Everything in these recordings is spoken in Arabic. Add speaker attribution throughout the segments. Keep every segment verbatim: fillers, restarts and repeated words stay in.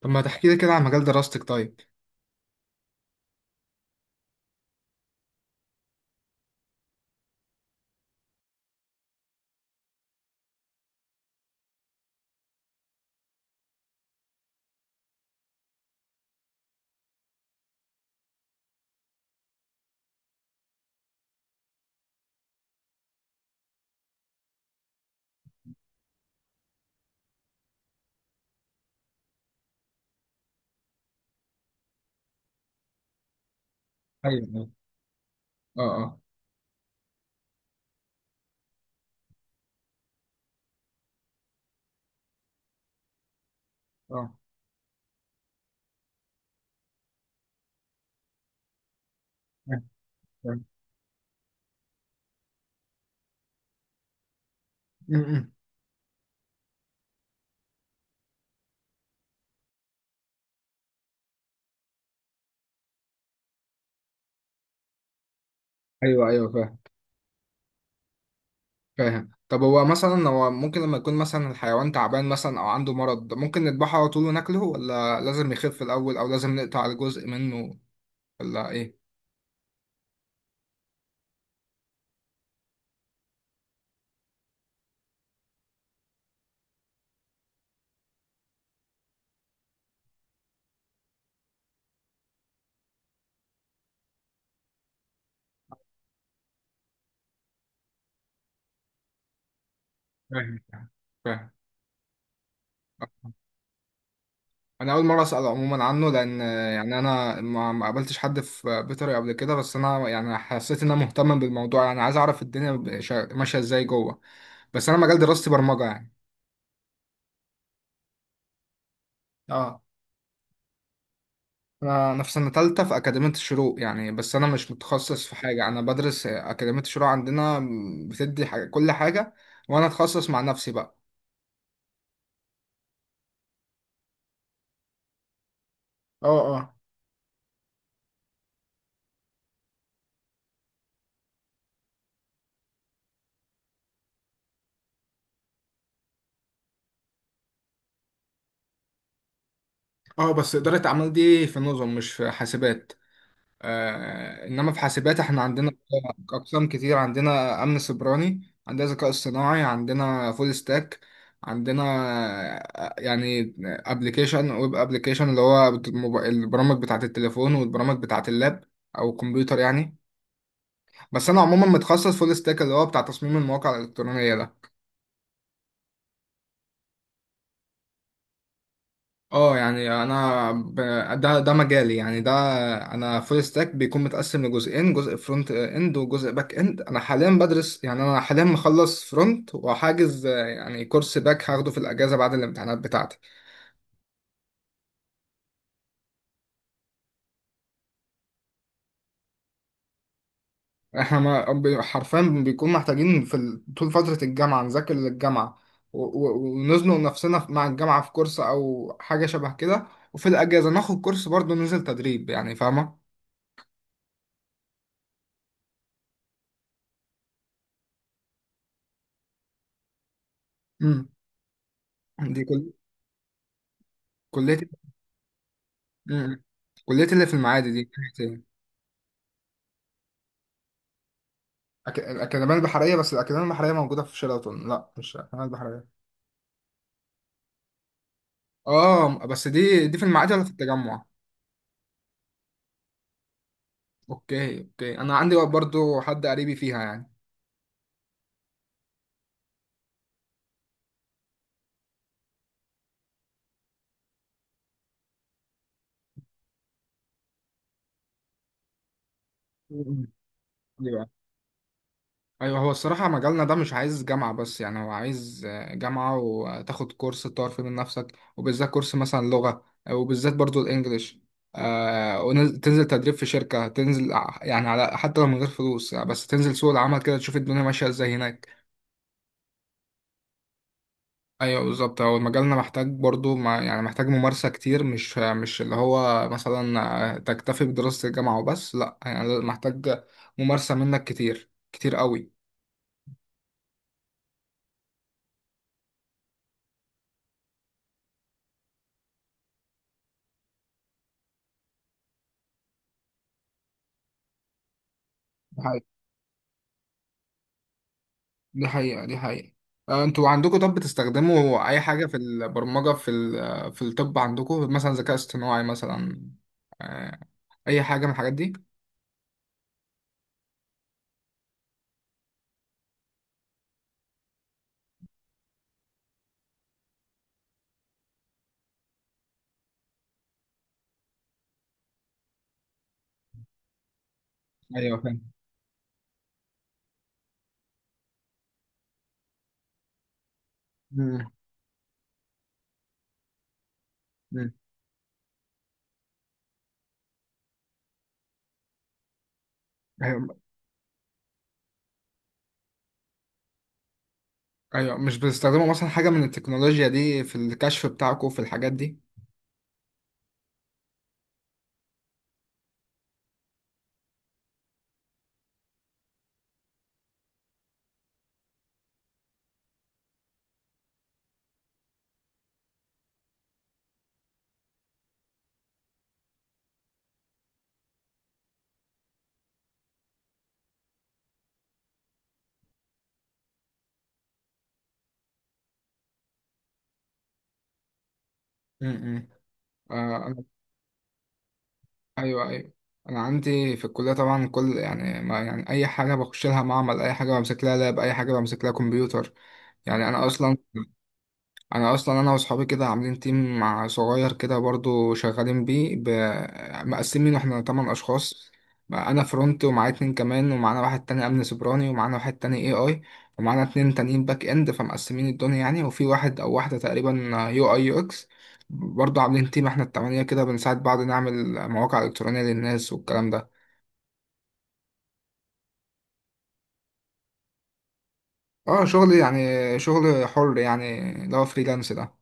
Speaker 1: طب ما تحكي لي كده عن مجال دراستك طيب؟ ايوه. اه، اه. اه، فاهم. فاهم. م-م. ايوه، ايوه، فاهم. فاهم. طب هو مثلا هو ممكن لما يكون مثلا الحيوان تعبان مثلا او عنده مرض ممكن نذبحه على طول وناكله، ولا لازم يخف الاول، او لازم نقطع جزء منه، ولا ايه؟ فاهم. فاهم. انا اول مره اسال عموما عنه، لان يعني انا ما ما قابلتش حد في بيطري قبل كده، بس انا يعني حسيت ان انا مهتم بالموضوع، يعني عايز اعرف الدنيا شا- ماشيه ازاي جوه. بس انا مجال دراستي برمجه يعني. اه. انا أنا في سنة تالتة في أكاديمية الشروق يعني، بس انا مش متخصص في حاجة، انا بدرس أكاديمية الشروق عندنا بتدي حاجة كل حاجة، وانا اتخصص مع نفسي بقى. اه، اه. اه بس إدارة أعمال دي في نظم مش في حاسبات. آه، إنما في حاسبات إحنا عندنا أقسام كتير، عندنا أمن سيبراني، عندنا ذكاء اصطناعي، عندنا فول ستاك، عندنا آه، يعني أبلكيشن، ويب أبلكيشن، اللي هو بت- الموب- البرامج بتاعة التليفون والبرامج بتاعة اللاب أو الكمبيوتر يعني. بس انا عموما متخصص فول ستاك، اللي هو بتاع تصميم المواقع الالكترونيه ده. اه يعني انا ب... ده ده مجالي يعني ده. انا فول ستاك بيكون متقسم لجزئين، جزء فرونت اند وجزء باك اند، انا حاليا بدرس، يعني انا حاليا مخلص فرونت وحاجز آه، يعني كورس باك هاخده في الاجازه بعد الامتحانات بتاعتي. احنا ما... بي- حرفيا بيكون محتاجين في ال... طول فتره الجامعه نذاكر للجامعه، و... و... ونزنق نفسنا مع الجامعه في كورس او حاجه شبه كده، وفي الأجازة ناخد كورس برضه، ننزل تدريب يعني، فاهمة؟ امم. دي كل كلية. امم. كلية اللي في المعادي دي بتاعت إيه؟ أك... الأكاديمية البحرية؟ بس الأكاديمية البحرية موجودة في شيراتون. لا، مش الأكاديمية البحرية. اه، بس دي دي في المعادي ولا في التجمع؟ اوكي، اوكي، انا عندي برضو حد قريبي فيها يعني. مم. أيوة. ايوه هو الصراحه مجالنا ده مش عايز جامعه بس، يعني هو عايز آه، جامعه، وتاخد كورس تطور فيه من نفسك، وبالذات كورس مثلا لغه، وبالذات برضو الانجليش، آه وتنزل تدريب في شركه، تنزل ع- يعني على حتى لو من غير فلوس، آه، بس تنزل سوق العمل كده تشوف الدنيا ماشيه ازاي هناك. ايوه بالظبط، هو مجالنا محتاج برضو، ما يعني محتاج ممارسه كتير، مش آه، مش اللي هو مثلا آه، تكتفي بدراسه الجامعه وبس، لا يعني محتاج ممارسه منك كتير كتير قوي. دي حقيقة، دي حقيقة. آه، انتوا عندكم طب بتستخدموا اي حاجة في البرمجة، في ال- في الطب عندكم مثلا ذكاء اصطناعي مثلا، آه، اي حاجة من الحاجات دي؟ ايوه فاهم. مم. مم. ايوه. أيوة، مش بتستخدموا مثلا حاجة من التكنولوجيا دي في الكشف بتاعكم في الحاجات دي؟ امم. آه أنا... ايوه، ايوه، انا عندي في الكلية طبعا كل، يعني ما يعني اي حاجة بخش لها معمل، اي حاجة بمسك لها لاب، اي حاجة بمسك لها كمبيوتر، يعني انا اصلا انا اصلا انا واصحابي كده عاملين تيم مع صغير كده برضو شغالين بيه ب... مقسمين احنا تمن اشخاص، بقى انا فرونت ومعايا اتنين كمان، ومعانا واحد تاني امن سيبراني، ومعانا واحد تاني اي اي، ومعانا اتنين تانيين باك اند، فمقسمين الدنيا يعني، وفي واحد او واحدة تقريبا يو اي يو اكس. برضو عاملين تيم احنا التمانية كده، بنساعد بعض نعمل مواقع الكترونية للناس والكلام ده. اه، شغل يعني، شغل حر يعني اللي هو فريلانس ده.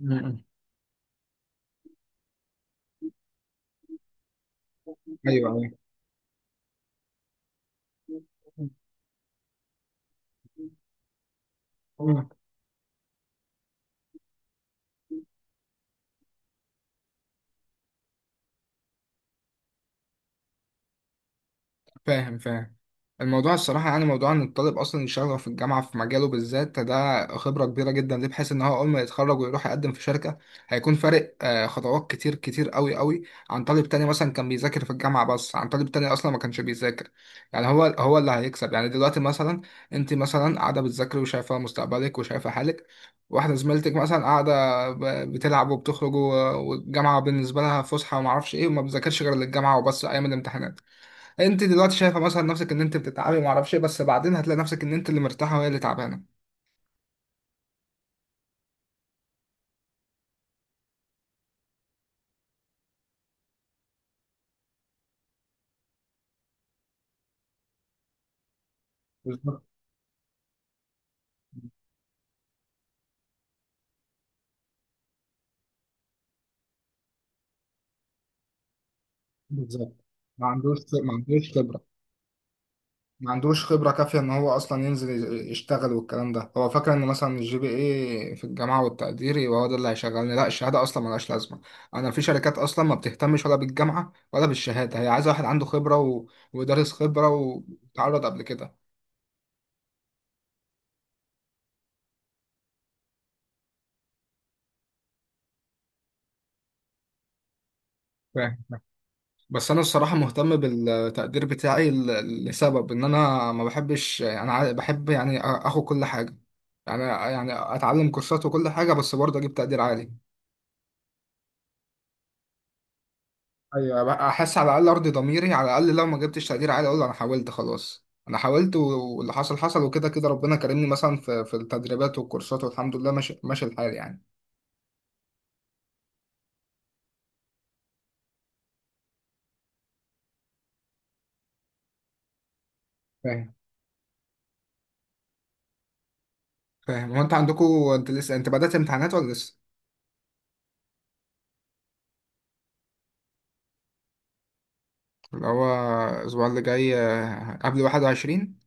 Speaker 1: مم. ايوه، ايوه، فاهم. فاهم. الموضوع الصراحة يعني موضوع إن الطالب أصلا يشتغل في الجامعة في مجاله بالذات، ده خبرة كبيرة جدا ليه، بحيث إن هو أول ما يتخرج ويروح يقدم في شركة هيكون فارق آه، خطوات كتير كتير أوي أوي عن طالب تاني مثلا كان بيذاكر في الجامعة بس، عن طالب تاني أصلا ما كانش بيذاكر. يعني هو هو اللي هيكسب يعني. دلوقتي مثلا أنت مثلا قاعدة بتذاكري وشايفة مستقبلك وشايفة حالك، واحدة زميلتك مثلا قاعدة ب- بتلعب وبتخرج، و- والجامعة بالنسبة لها فسحة ومعرفش إيه، وما بتذاكرش غير للجامعة وبس أيام الامتحانات. انت دلوقتي شايفه مثلا نفسك ان انت بتتعبي ما اعرفش ايه، بس بعدين هتلاقي نفسك ان انت اللي مرتاحه وهي اللي تعبانه. بالظبط. بالظبط. ما عندوش، ما عندوش خبره، ما عندوش خبره كافيه ان هو اصلا ينزل يز- يشتغل، والكلام ده. هو فاكر ان مثلا الجي بي اي في الجامعه والتقدير يبقى هو ده اللي هيشغلني، لا، الشهاده اصلا ملهاش لازمه. انا في شركات اصلا ما بتهتمش ولا بالجامعه ولا بالشهاده، هي عايزه واحد عنده خبره و... ودارس خبره وتعرض قبل كده. فاهم. بس انا الصراحه مهتم بالتقدير بتاعي، ل- لسبب ان انا ما بحبش، انا ع- بحب يعني أ- اخد كل حاجه، يعني يعني اتعلم كورسات وكل حاجه، بس برضه اجيب تقدير عالي، ايوه بقى. احس على الاقل ارضي ضميري، على الاقل لو ما جبتش تقدير عالي اقول انا حاولت، خلاص، انا حاولت، و- واللي حصل حصل، وكده كده ربنا كرمني مثلا في في التدريبات والكورسات، والحمد لله ماشي، ماشي الحال يعني. فاهم. فاهم. هو انت عندكم، انت لسه، انت بدأت امتحانات ولا لسه؟ اللي هو الاسبوع اللي جاي آه، قبل واحد وعشرين؟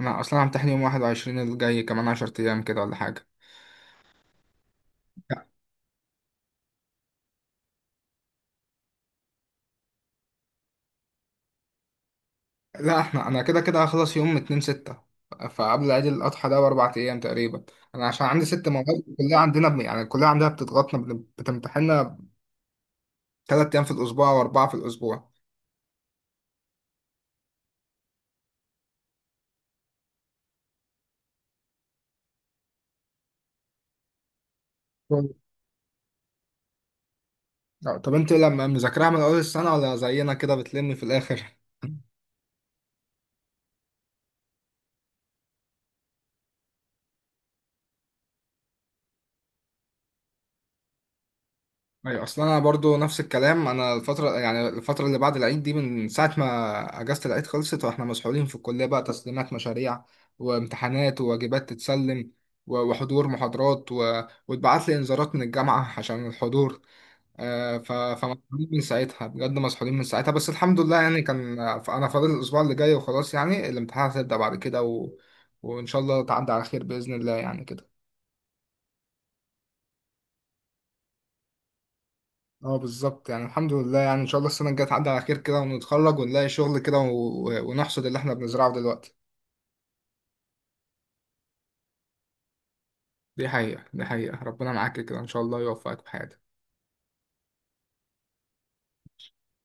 Speaker 1: انا اصلا همتحن يوم واحد وعشرين الجاي، كمان عشرة ايام كده ولا حاجه. لا، لا، احنا انا كده كده هخلص يوم اتنين ستة، فقبل عيد الاضحى ده باربع ايام تقريبا. انا عشان عندي ست مواد، الكليه عندنا بم... يعني الكليه عندنا بتضغطنا، بن- بتمتحننا ثلاث ايام في الاسبوع واربعه في الاسبوع. طب، طب انت لما مذاكراها من اول السنه ولا زينا كده بتلمي في الاخر؟ ايوه، اصلا انا برضو نفس الكلام. انا الفتره، يعني الفتره اللي بعد العيد دي، من ساعه ما اجازه العيد خلصت واحنا مسحولين في الكليه بقى، تسليمات مشاريع وامتحانات وواجبات تتسلم، و- وحضور محاضرات و... واتبعت لي انذارات من الجامعه عشان الحضور. آه ف... فمسحولين من ساعتها بجد، مسحولين من ساعتها، بس الحمد لله يعني، كان انا فاضل الاسبوع اللي جاي وخلاص، يعني الامتحانات هتبدا بعد كده، و... وان شاء الله تعدي على خير باذن الله يعني كده. اه بالظبط، يعني الحمد لله، يعني ان شاء الله السنه الجايه تعدي على خير كده، ونتخرج ونلاقي شغل كده، و- ونحصد اللي احنا بنزرعه دلوقتي. دي حقيقه، دي حقيقه، ربنا معاك كده، ان شاء الله يوفقك في حياتك.